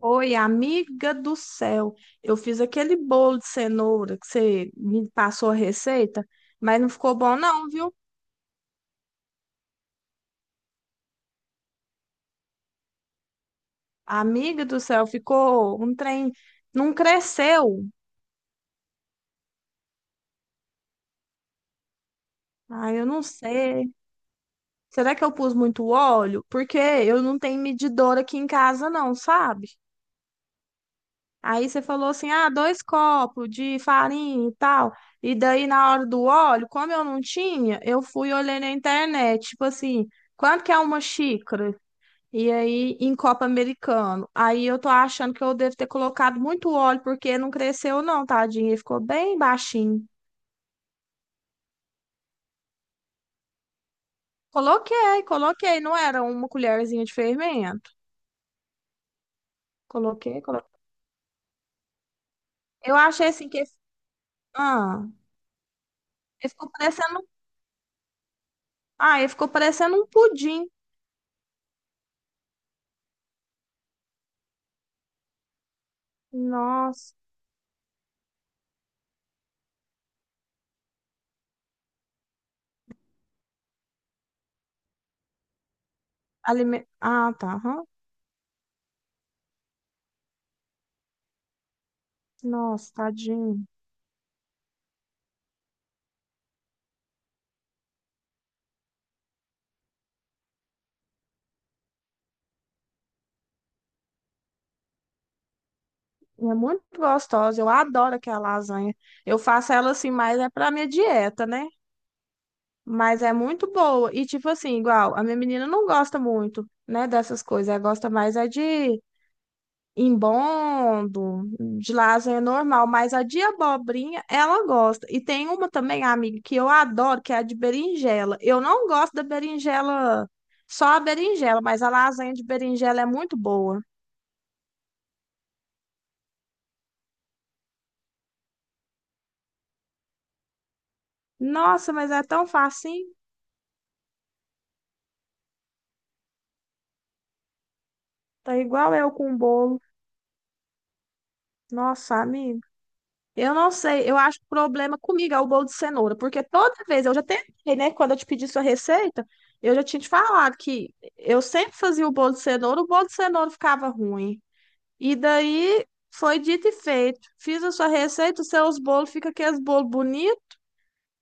Oi, amiga do céu. Eu fiz aquele bolo de cenoura que você me passou a receita, mas não ficou bom não, viu? Amiga do céu, ficou um trem, não cresceu. Ah, eu não sei. Será que eu pus muito óleo? Porque eu não tenho medidor aqui em casa não, sabe? Aí você falou assim: "Ah, dois copos de farinha e tal". E daí na hora do óleo, como eu não tinha, eu fui olhei na internet, tipo assim, quanto que é uma xícara? E aí, em copo americano. Aí eu tô achando que eu devo ter colocado muito óleo, porque não cresceu, não, tadinho. Ele ficou bem baixinho. Coloquei, coloquei. Não era uma colherzinha de fermento. Coloquei, coloquei. Eu achei assim que. Ah, ele ficou parecendo. Ah, ele ficou parecendo um pudim. Nossa. Ah, tá. Aham. Nossa, tadinho. É muito gostosa. Eu adoro aquela lasanha. Eu faço ela assim, mas é pra minha dieta, né? Mas é muito boa. E, tipo assim, igual, a minha menina não gosta muito, né, dessas coisas. Ela gosta mais é de embondo, de lasanha normal. Mas a de abobrinha, ela gosta. E tem uma também, amiga, que eu adoro, que é a de berinjela. Eu não gosto da berinjela, só a berinjela, mas a lasanha de berinjela é muito boa. Nossa, mas é tão facinho. Tá igual eu com o bolo. Nossa, amiga. Eu não sei, eu acho que o problema comigo é o bolo de cenoura, porque toda vez eu já tentei, né? Quando eu te pedi sua receita, eu já tinha te falado que eu sempre fazia o bolo de cenoura, o bolo de cenoura ficava ruim. E daí foi dito e feito. Fiz a sua receita, os seus bolos ficam aqueles bolos bonitos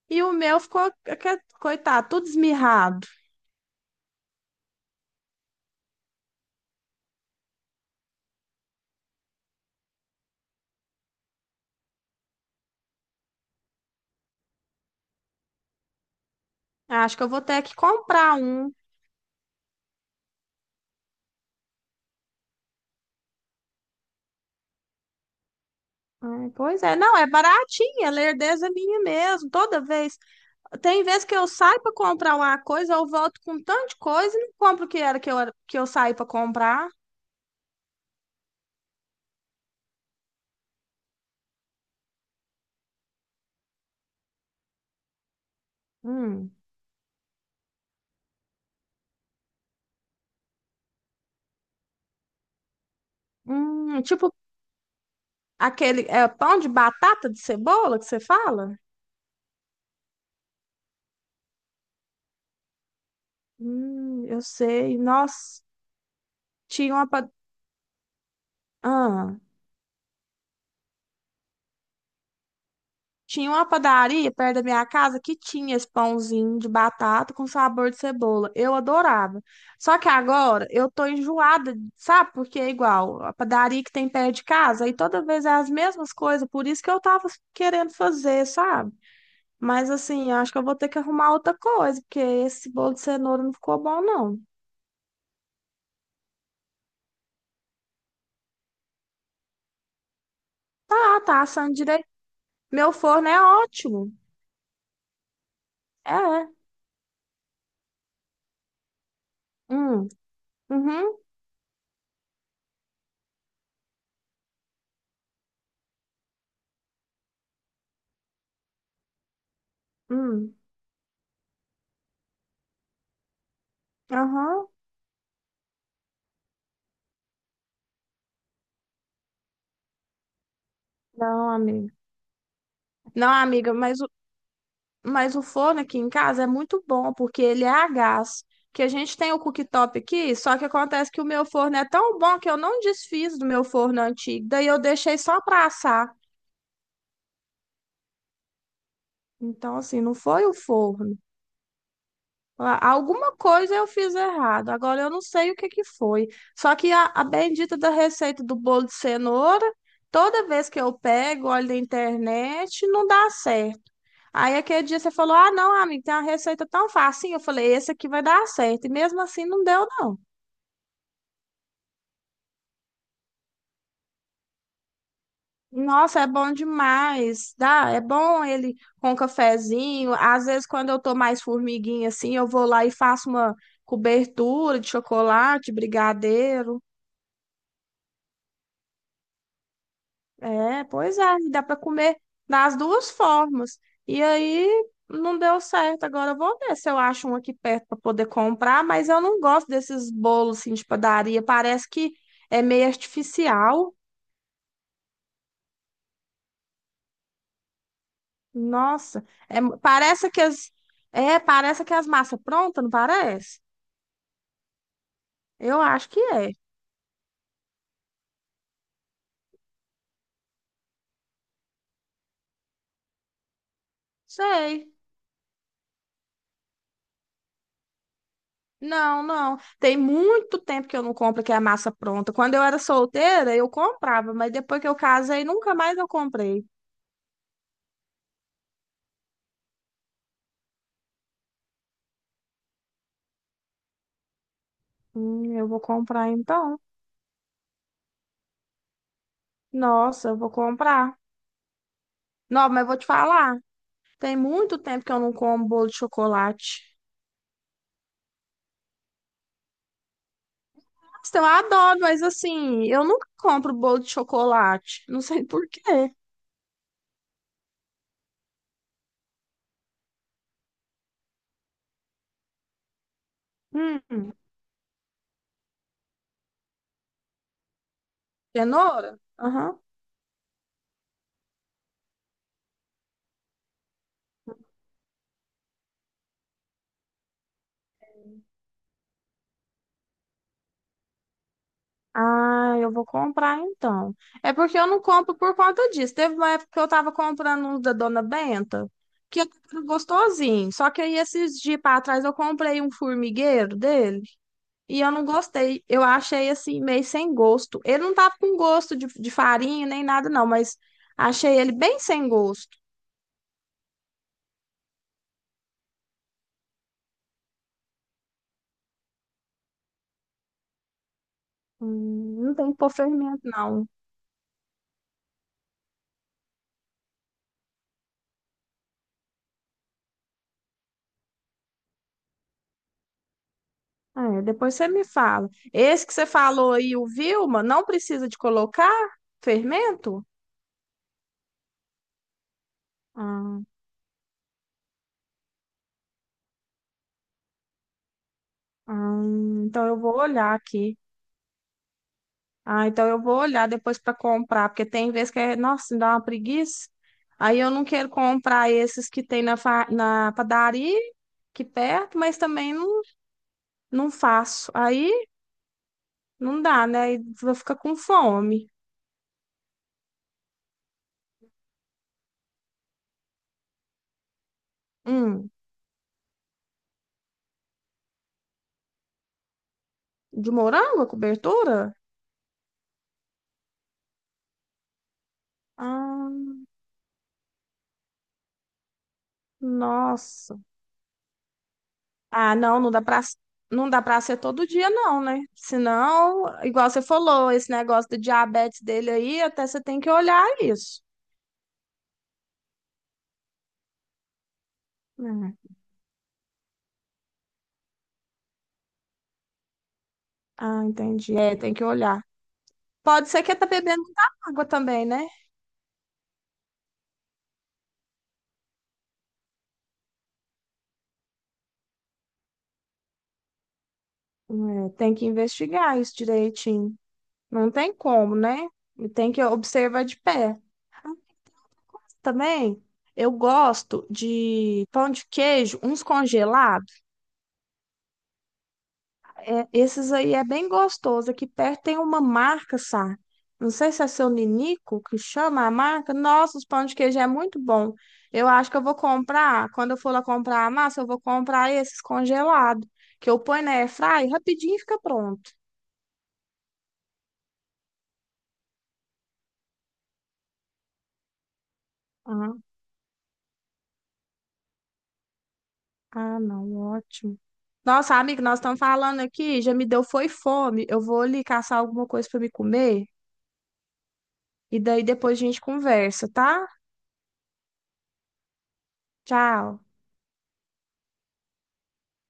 e o meu ficou, coitado, tudo esmirrado. Acho que eu vou ter que comprar um. Pois é, não, é baratinha, lerdeza é minha mesmo. Toda vez. Tem vezes que eu saio para comprar uma coisa, eu volto com tanto de coisa e não compro o que era que eu saí para comprar. Hum. Tipo aquele é, pão de batata de cebola que você fala? Eu sei. Nossa, tinha uma. Ah. Tinha uma padaria perto da minha casa que tinha esse pãozinho de batata com sabor de cebola. Eu adorava. Só que agora eu tô enjoada, sabe? Porque é igual a padaria que tem perto de casa, e toda vez é as mesmas coisas, por isso que eu tava querendo fazer, sabe? Mas assim, eu acho que eu vou ter que arrumar outra coisa, porque esse bolo de cenoura não ficou bom, não. Tá, tá assando direito. Meu forno é ótimo. É. Hum, uhum, hum, aham. Não, amiga. Não, amiga, mas o forno aqui em casa é muito bom, porque ele é a gás. Que a gente tem o cooktop aqui, só que acontece que o meu forno é tão bom que eu não desfiz do meu forno antigo, daí eu deixei só para assar. Então, assim, não foi o forno. Alguma coisa eu fiz errado, agora eu não sei o que que foi. Só que a bendita da receita do bolo de cenoura, toda vez que eu pego, olho na internet, não dá certo. Aí aquele dia você falou: Ah, não, amigo, tem uma receita tão fácil. Eu falei: Esse aqui vai dar certo. E mesmo assim não deu, não. Nossa, é bom demais. Dá, é bom ele com um cafezinho. Às vezes, quando eu tô mais formiguinha assim, eu vou lá e faço uma cobertura de chocolate, brigadeiro. É, pois é, e dá para comer das duas formas. E aí não deu certo. Agora eu vou ver se eu acho um aqui perto para poder comprar, mas eu não gosto desses bolos assim, de padaria. Parece que é meio artificial. Nossa, é, parece que as parece que as massas prontas, não parece? Eu acho que é. Sei. Não, não. Tem muito tempo que eu não compro que é massa pronta. Quando eu era solteira, eu comprava, mas depois que eu casei, nunca mais eu comprei. Eu vou comprar então. Nossa, eu vou comprar. Não, mas eu vou te falar. Tem muito tempo que eu não como bolo de chocolate. Nossa, eu adoro, mas assim, eu nunca compro bolo de chocolate. Não sei por quê. Hum, Cenoura? Aham. Ah, eu vou comprar então. É porque eu não compro por conta disso. Teve uma época que eu tava comprando um da Dona Benta, que era gostosinho. Só que aí esses dias pra trás eu comprei um formigueiro dele. E eu não gostei. Eu achei assim, meio sem gosto. Ele não tava com gosto de farinha nem nada, não, mas achei ele bem sem gosto. Não tem que pôr fermento, não. É, depois você me fala. Esse que você falou aí, o Vilma, não precisa de colocar fermento? Ah, ah, então eu vou olhar aqui. Ah, então eu vou olhar depois para comprar, porque tem vezes que é, nossa, me dá uma preguiça. Aí eu não quero comprar esses que tem na, na padaria aqui perto, mas também não, não faço. Aí não dá, né? Aí vou ficar com fome. Hum, de morango a cobertura? Ah, nossa. Ah, não, não dá para ser todo dia não, né? Senão, igual você falou, esse negócio do diabetes dele aí, até você tem que olhar isso. Né? Ah, entendi. É, tem que olhar. Pode ser que tá bebendo muita água também, né? É, tem que investigar isso direitinho. Não tem como, né? Tem que observar de pé. Também eu gosto de pão de queijo, uns congelados. É, esses aí é bem gostoso. Aqui perto tem uma marca, sabe? Não sei se é seu Ninico que chama a marca. Nossa, os pão de queijo é muito bom. Eu acho que eu vou comprar. Quando eu for lá comprar a massa, eu vou comprar esses congelados. Que eu ponho na airfryer, rapidinho fica pronto. Ah, ah, não, ótimo. Nossa, amigo, nós estamos falando aqui, já me deu foi fome. Eu vou ali caçar alguma coisa para me comer e daí depois a gente conversa, tá? Tchau.